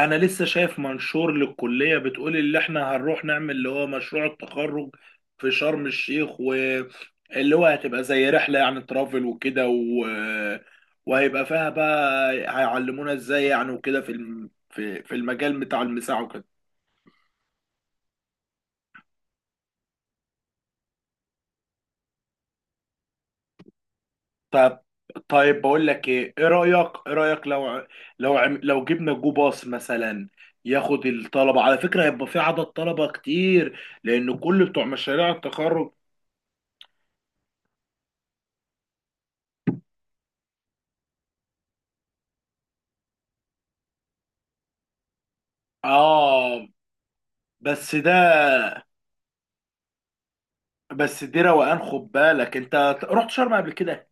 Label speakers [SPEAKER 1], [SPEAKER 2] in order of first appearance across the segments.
[SPEAKER 1] انا لسه شايف منشور للكليه بتقول اللي احنا هنروح نعمل اللي هو مشروع التخرج في شرم الشيخ، واللي هو هتبقى زي رحله، يعني ترافل وكده. وهيبقى فيها بقى هيعلمونا ازاي يعني وكده، في المجال بتاع المساعه وكده. طب، طيب بقول لك ايه ايه رايك، لو جبنا جو باص مثلا، ياخد الطلبه. على فكره هيبقى في عدد طلبه كتير، لان كل بتوع مشاريع التخرج. اه. بس ده بس دي روقان، خد بالك انت، رحت شرم قبل كده؟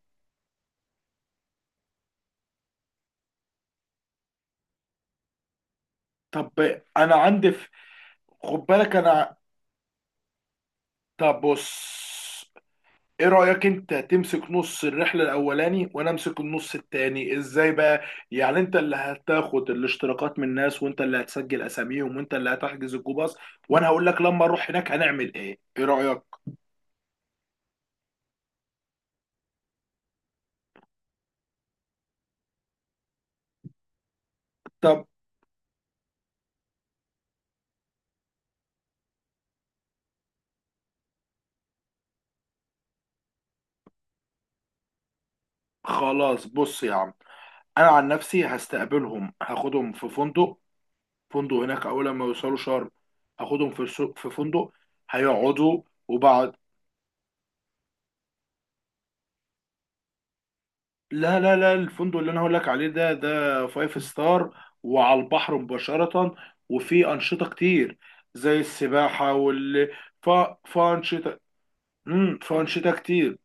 [SPEAKER 1] طب. انا عندي في خد بالك انا طب بص، ايه رأيك انت تمسك نص الرحلة الاولاني وانا امسك النص التاني؟ ازاي بقى؟ يعني انت اللي هتاخد الاشتراكات من الناس، وانت اللي هتسجل اساميهم، وانت اللي هتحجز الجوباص، وانا هقول لك لما اروح هناك هنعمل ايه. ايه رأيك؟ طب، خلاص، بص يا عم، انا عن نفسي هستقبلهم، هاخدهم في فندق، فندق هناك اول ما يوصلوا شرم، اخدهم في فندق، هيقعدوا. وبعد لا لا لا، الفندق اللي انا هقول لك عليه ده فايف ستار، وعلى البحر مباشرة، وفي انشطة كتير زي السباحة. ف... فانشطة، فانشطة كتير.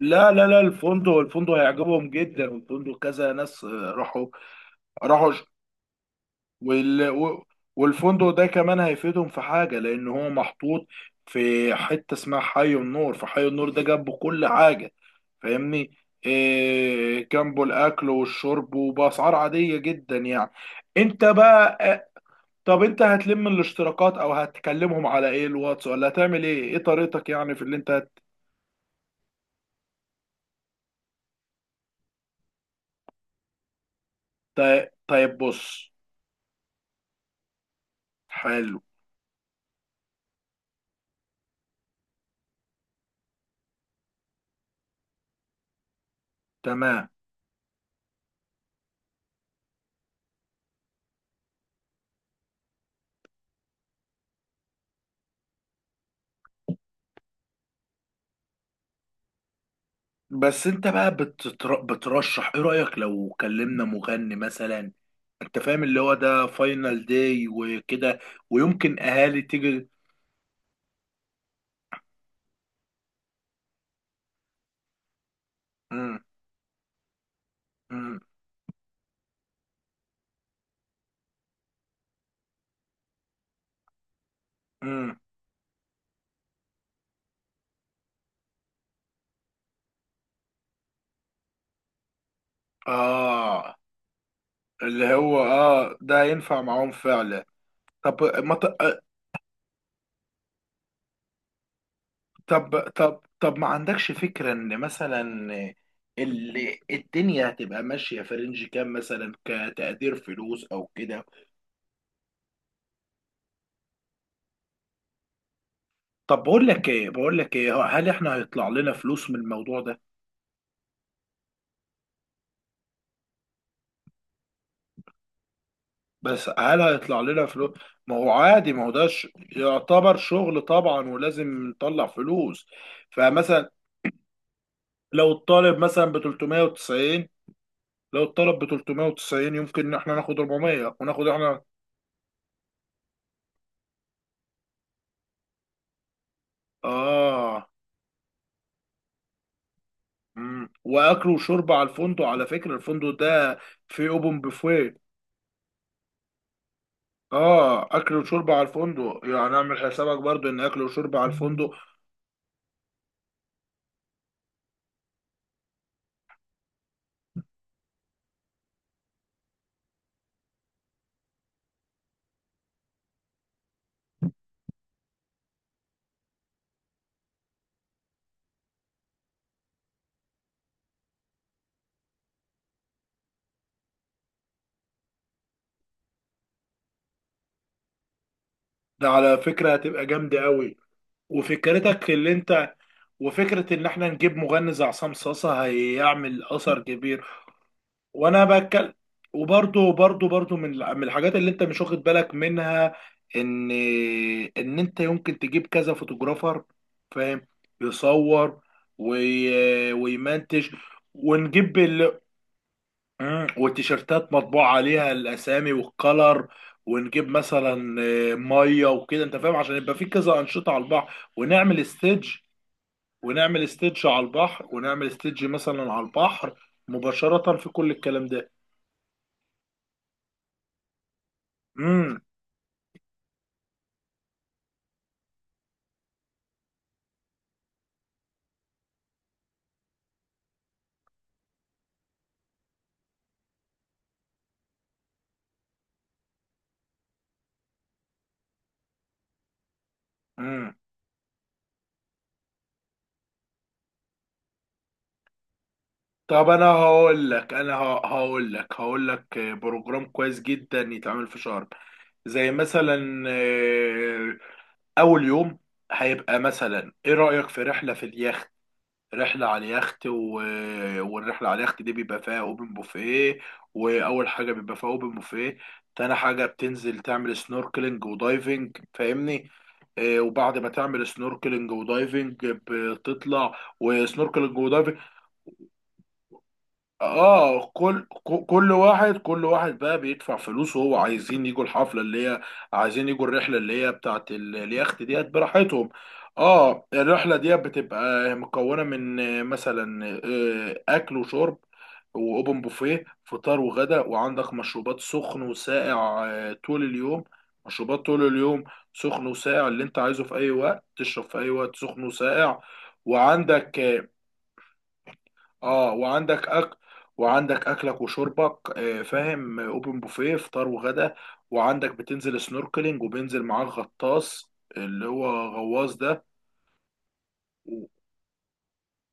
[SPEAKER 1] لا لا لا، الفندق هيعجبهم جدا، والفندق كذا ناس، راحوا. راحوا. وال... و- والفندق ده كمان هيفيدهم في حاجة، لأن هو محطوط في حتة اسمها حي النور، فحي النور ده جنبه كل حاجة، فاهمني؟ إيه، جنبه الأكل والشرب وبأسعار عادية جدا يعني. أنت بقى، طب، أنت هتلم الاشتراكات، أو هتكلمهم على إيه، الواتس، ولا هتعمل إيه طريقتك، يعني في طيب بص. حلو. تمام. بس انت بقى بترشح، ايه رأيك لو كلمنا مغني مثلا؟ انت فاهم، اللي هو ده فاينل داي وكده، ويمكن اهالي تيجي. مم. مم. مم. اه، اللي هو ده ينفع معاهم فعلا. طب، ما ت... طب، ما عندكش فكرة ان مثلا، اللي الدنيا هتبقى ماشية في رينج كام مثلا، كتقدير فلوس او كده؟ طب، بقول لك ايه، هل احنا هيطلع لنا فلوس من الموضوع ده؟ بس هل هيطلع لنا فلوس؟ ما هو عادي، ما هو يعتبر شغل طبعا، ولازم نطلع فلوس. فمثلا، لو الطالب مثلا ب 390 لو الطالب ب 390، يمكن ان احنا ناخد 400، وناخد احنا. اه. واكل وشرب على الفندق، على فكرة الفندق ده فيه اوبن بوفيه. اه، اكل وشرب على الفندق، يعني اعمل حسابك برضو ان اكل وشرب على الفندق. ده على فكرة هتبقى جامدة قوي، وفكرتك اللي انت وفكرة إن إحنا نجيب مغني زي عصام صاصة هيعمل أثر كبير، وأنا بتكلم. وبرضه برضه، من الحاجات اللي أنت مش واخد بالك منها، إن إن أنت يمكن تجيب كذا فوتوغرافر، فاهم؟ يصور، ويمنتج. ونجيب ال... والتيشيرتات مطبوع عليها الأسامي والكلر. ونجيب مثلا، ميه وكده، انت فاهم، عشان يبقى في كذا انشطه على البحر، ونعمل ستيدج، ونعمل استيدج مثلا على البحر مباشرة، في كل الكلام ده. امم. امم. طب، انا هقول لك، هقول لك بروجرام كويس جدا يتعمل في شرم. زي مثلا، اول يوم، هيبقى مثلا، ايه رأيك في رحلة على اليخت. والرحلة على اليخت دي بيبقى فيها اوبن بوفيه، وأول حاجة بيبقى فيها اوبن بوفيه تاني حاجة بتنزل تعمل سنوركلينج ودايفنج، فاهمني؟ وبعد ما تعمل سنوركلينج ودايفنج بتطلع. وسنوركلينج ودايفنج اه، كل واحد بقى بيدفع فلوسه، هو عايزين يجوا الحفله اللي هي، عايزين يجوا الرحله اللي هي بتاعت اليخت ديت، براحتهم. اه، الرحله ديت بتبقى مكونه من، مثلا، اكل وشرب، واوبن بوفيه، فطار وغدا، وعندك مشروبات سخن وساقع، طول اليوم. مشروبات طول اليوم سخن وساقع، اللي انت عايزه في اي وقت، تشرب في اي وقت، سخن وساقع. وعندك، اه وعندك اكل، وعندك اكلك وشربك، فاهم؟ اوبن بوفيه، فطار وغدا. وعندك بتنزل سنوركلينج، وبينزل معاك غطاس اللي هو غواص ده، و-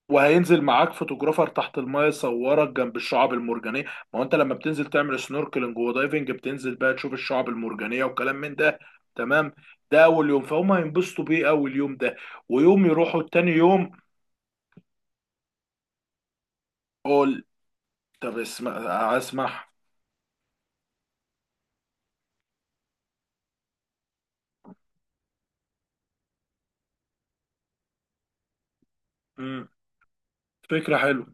[SPEAKER 1] وهينزل معاك فوتوغرافر تحت المايه يصورك جنب الشعاب المرجانيه. ما هو انت لما بتنزل تعمل سنوركلينج ودايفنج، بتنزل بقى تشوف الشعاب المرجانيه وكلام من ده، تمام. ده اول يوم، فهم؟ هينبسطوا بيه اول يوم ده. ويوم يروحوا التاني يوم. قول. طب اسمع. اسمح. مم، فكره حلوه.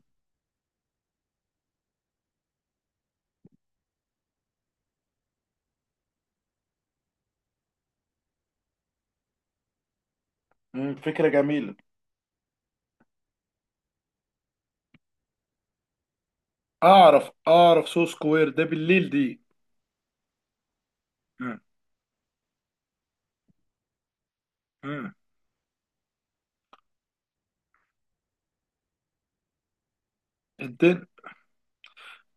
[SPEAKER 1] فكرة جميلة. أعرف، سو سكوير ده بالليل دي. مم. مم. الدن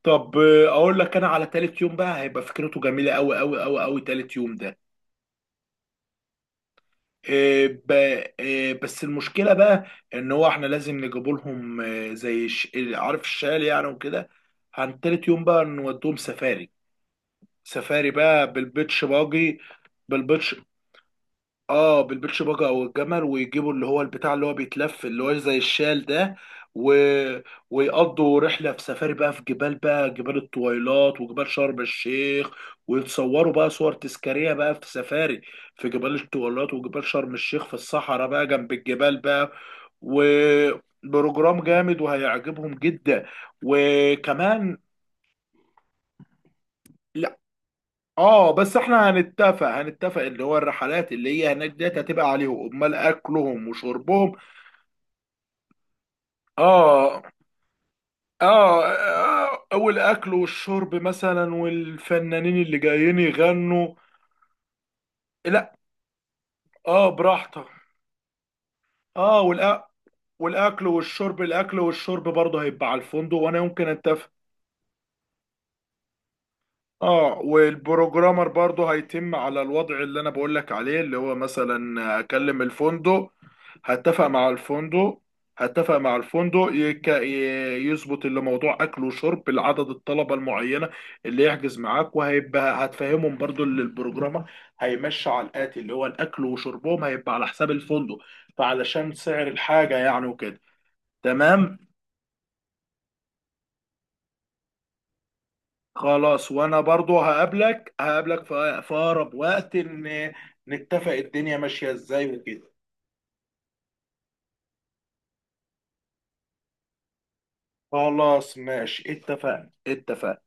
[SPEAKER 1] طب، أقول لك، أنا على تالت يوم بقى، هيبقى فكرته جميلة أوي أوي أوي أوي. تالت يوم ده، آه، ب- بس المشكلة بقى، إن هو إحنا لازم نجيب لهم، عارف الشال يعني وكده. عن تالت يوم بقى نودوهم سفاري. سفاري بقى بالبيتش، اه بالبيتش باجا او الجمل، ويجيبوا اللي هو البتاع اللي هو بيتلف اللي هو زي الشال ده. و... ويقضوا رحله في سفاري بقى، في جبال الطويلات وجبال شرم الشيخ. ويتصوروا بقى صور تذكاريه بقى في سفاري، في جبال الطويلات وجبال شرم الشيخ، في الصحراء بقى جنب الجبال بقى. وبروجرام جامد وهيعجبهم جدا وكمان. لا، اه، بس احنا هنتفق، اللي هو الرحلات اللي هي هناك ديت هتبقى عليهم، امال اكلهم وشربهم. آه. آه. والأكل والشرب مثلا، والفنانين اللي جايين يغنوا. لا، براحتك. آه والأ... والأكل والشرب الأكل والشرب برضه هيبقى على الفندق، وأنا يمكن أتفق. اه، والبروجرامر برضه هيتم على الوضع اللي انا بقولك عليه، اللي هو مثلا اكلم الفندق. هتفق مع الفندق هتفق مع الفندق، يظبط اللي موضوع اكل وشرب لعدد الطلبه المعينه، اللي يحجز معاك. وهيبقى هتفهمهم برضو اللي البروجرامر هيمشي على الاتي، اللي هو الاكل وشربهم هيبقى على حساب الفندق، فعلشان سعر الحاجه يعني وكده. تمام. خلاص، وانا برضو هقابلك في اقرب وقت، ان نتفق الدنيا ماشية ازاي وكده. خلاص ماشي، اتفقنا، اتفقنا.